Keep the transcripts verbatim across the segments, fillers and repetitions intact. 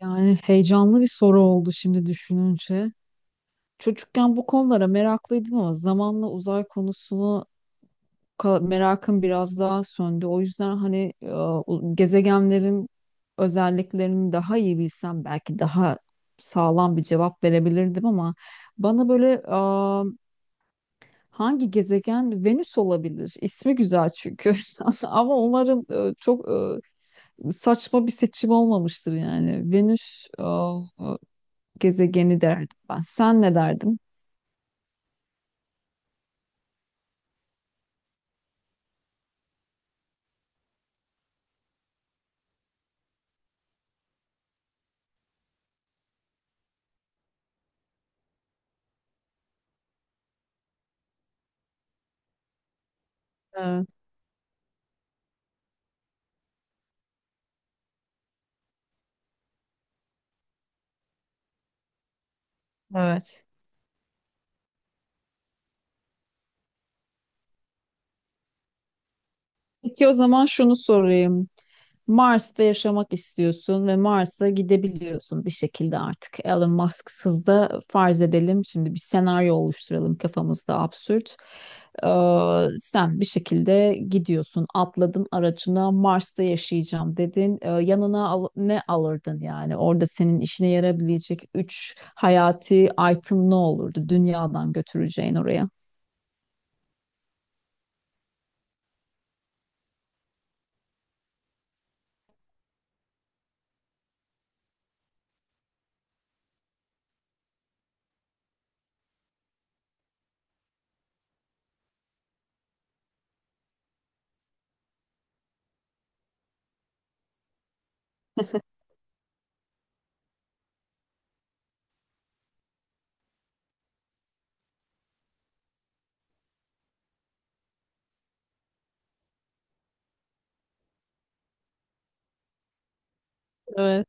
Yani heyecanlı bir soru oldu şimdi düşününce. Çocukken bu konulara meraklıydım ama zamanla uzay konusunu ka- merakım biraz daha söndü. O yüzden hani e, u- gezegenlerin özelliklerini daha iyi bilsem belki daha sağlam bir cevap verebilirdim ama bana böyle e, hangi gezegen Venüs olabilir? İsmi güzel çünkü. Ama umarım e, çok e, saçma bir seçim olmamıştır yani. Venüs e, e, gezegeni derdim ben. Sen ne derdin? Evet, evet. Peki o zaman şunu sorayım. Mars'ta yaşamak istiyorsun ve Mars'a gidebiliyorsun bir şekilde artık. Elon Musk'sız da farz edelim. Şimdi bir senaryo oluşturalım kafamızda absürt. Ee, Sen bir şekilde gidiyorsun, atladın aracına Mars'ta yaşayacağım dedin. Ee, yanına al- ne alırdın yani? Orada senin işine yarayabilecek üç hayati item ne olurdu dünyadan götüreceğin oraya? Evet.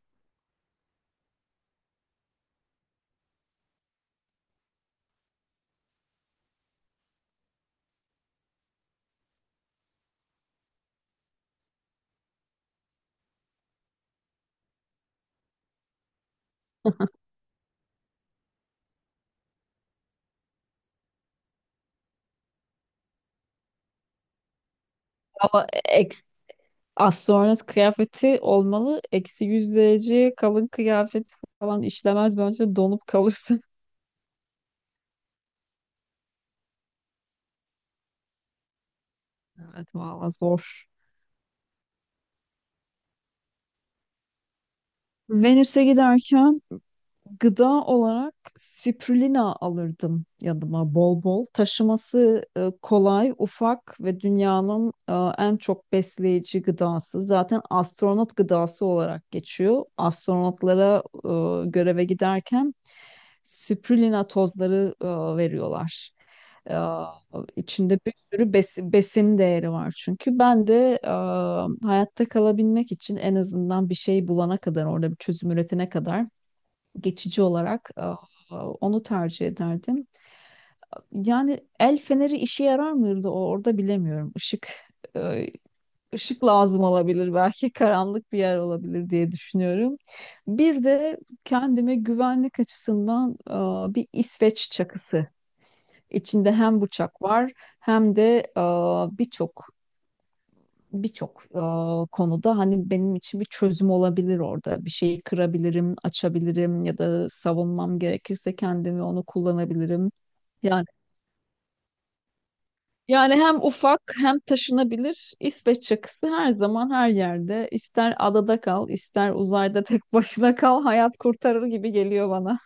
Ama eks, Astronot kıyafeti olmalı. Eksi yüz derece kalın kıyafet falan işlemez. Bence donup kalırsın. Evet valla zor. Venüs'e giderken gıda olarak spirulina alırdım yanıma bol bol. Taşıması e, kolay, ufak ve dünyanın e, en çok besleyici gıdası. Zaten astronot gıdası olarak geçiyor. Astronotlara e, göreve giderken spirulina tozları e, veriyorlar. E, içinde bir sürü besi- besin değeri var çünkü. Ben de e, hayatta kalabilmek için en azından bir şey bulana kadar, orada bir çözüm üretene kadar geçici olarak ah, ah, onu tercih ederdim. Yani el feneri işe yarar mıydı o- orada bilemiyorum. Işık e, ışık lazım olabilir belki karanlık bir yer olabilir diye düşünüyorum. Bir de kendime güvenlik açısından ah, bir İsveç çakısı. İçinde hem bıçak var hem de ah, birçok birçok e, konuda hani benim için bir çözüm olabilir orada. Bir şeyi kırabilirim, açabilirim ya da savunmam gerekirse kendimi onu kullanabilirim. Yani yani hem ufak hem taşınabilir İsveç çakısı her zaman her yerde. İster adada kal, ister uzayda tek başına kal, hayat kurtarır gibi geliyor bana.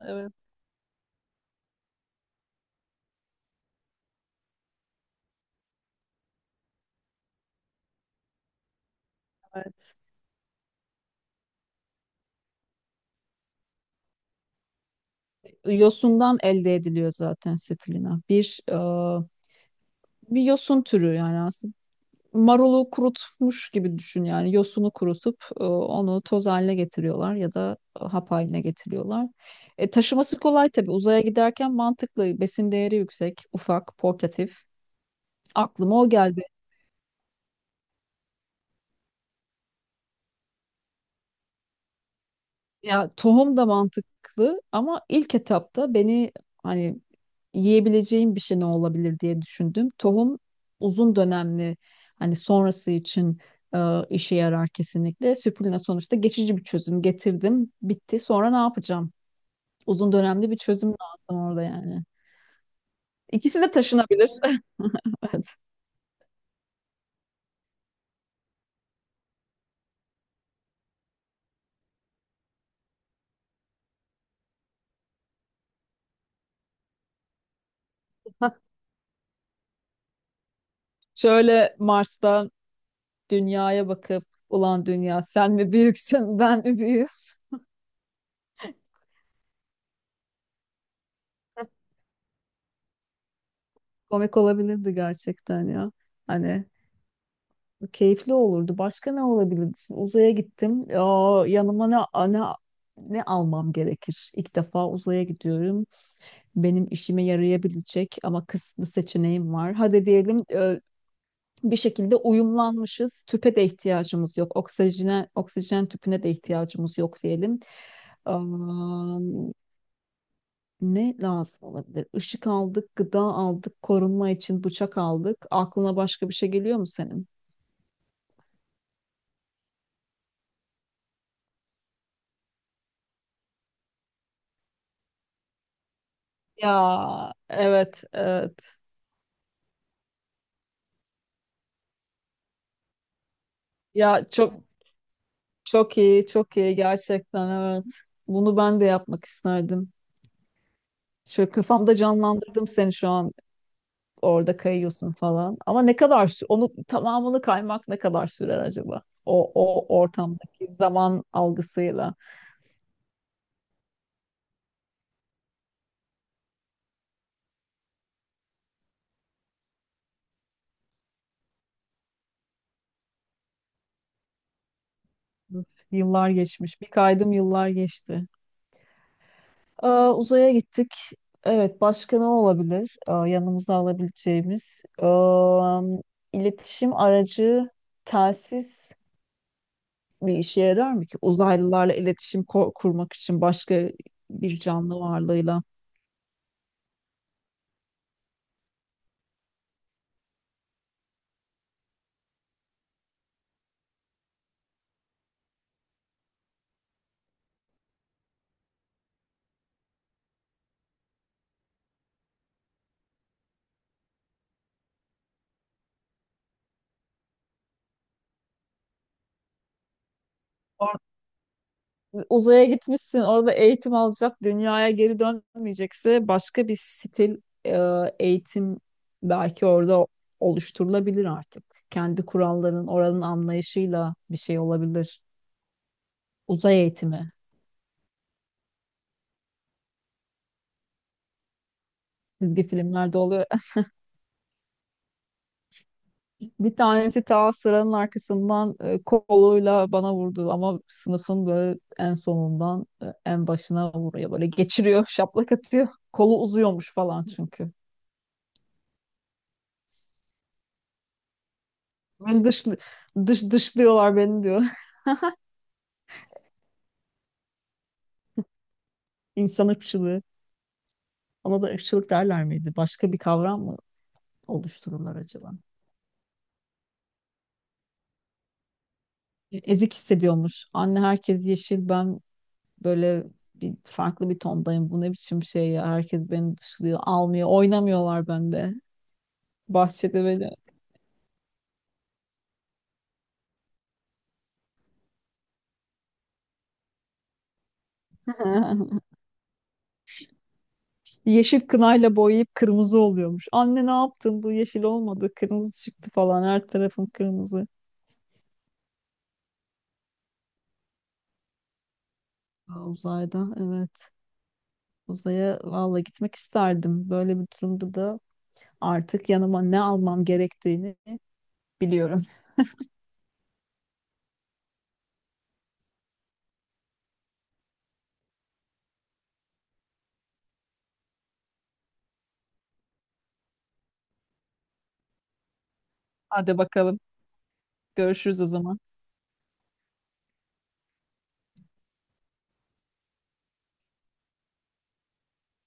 Evet, evet. Yosundan elde ediliyor zaten spirulina. Bir e, bir yosun türü yani aslında marulu kurutmuş gibi düşün yani yosunu kurutup e, onu toz haline getiriyorlar ya da e, hap haline getiriyorlar. E, taşıması kolay tabii uzaya giderken mantıklı, besin değeri yüksek, ufak, portatif, aklıma o geldi. Ya tohum da mantıklı ama ilk etapta beni hani yiyebileceğim bir şey ne olabilir diye düşündüm. Tohum uzun dönemli, hani sonrası için e, işe yarar kesinlikle. Süpürüne sonuçta geçici bir çözüm getirdim. Bitti. Sonra ne yapacağım? Uzun dönemli bir çözüm lazım orada yani. İkisi de taşınabilir. Evet. Şöyle Mars'ta dünyaya bakıp ulan dünya sen mi büyüksün ben mi büyüğüm? Komik olabilirdi gerçekten ya. Hani keyifli olurdu. Başka ne olabilirdi? Şimdi uzaya gittim. Aa, yanıma ne, ne, ne almam gerekir? İlk defa uzaya gidiyorum. Benim işime yarayabilecek ama kısıtlı seçeneğim var. Hadi diyelim e, bir şekilde uyumlanmışız. Tüpe de ihtiyacımız yok. Oksijene, oksijen tüpüne de ihtiyacımız yok diyelim. Aa, ne lazım olabilir? Işık aldık, gıda aldık, korunma için bıçak aldık. Aklına başka bir şey geliyor mu senin? Ya evet, evet. Ya çok, çok iyi, çok iyi gerçekten, evet. Bunu ben de yapmak isterdim. Şöyle kafamda canlandırdım seni şu an. Orada kayıyorsun falan. Ama ne kadar sü- onu tamamını kaymak ne kadar sürer acaba? O o ortamdaki zaman algısıyla. Üf, yıllar geçmiş. Bir kaydım yıllar geçti. Aa, uzaya gittik. Evet, başka ne olabilir? Aa, yanımıza alabileceğimiz, aa, iletişim aracı, telsiz bir işe yarar mı ki? Uzaylılarla iletişim ko- kurmak için başka bir canlı varlığıyla. Uzaya gitmişsin, orada eğitim alacak, dünyaya geri dönmeyecekse başka bir stil e, eğitim belki orada oluşturulabilir artık. Kendi kuralların, oranın anlayışıyla bir şey olabilir. Uzay eğitimi. Çizgi filmlerde oluyor. Bir tanesi ta sıranın arkasından e, koluyla bana vurdu ama sınıfın böyle en sonundan e, en başına vuruyor. Böyle geçiriyor, şaplak atıyor. Kolu uzuyormuş falan çünkü. Ben dışlı, dış, dışlıyorlar beni diyor. İnsan ırkçılığı. Ona da ırkçılık derler miydi? Başka bir kavram mı oluştururlar acaba? Ezik hissediyormuş. Anne herkes yeşil, ben böyle bir farklı bir tondayım. Bu ne biçim şey ya? Herkes beni dışlıyor, almıyor, oynamıyorlar bende. Bahçede böyle yeşil kınayla boyayıp kırmızı oluyormuş. Anne ne yaptın? Bu yeşil olmadı. Kırmızı çıktı falan. Her tarafım kırmızı. Aa, uzayda evet. Uzaya valla gitmek isterdim. Böyle bir durumda da artık yanıma ne almam gerektiğini biliyorum. Hadi bakalım. Görüşürüz o zaman.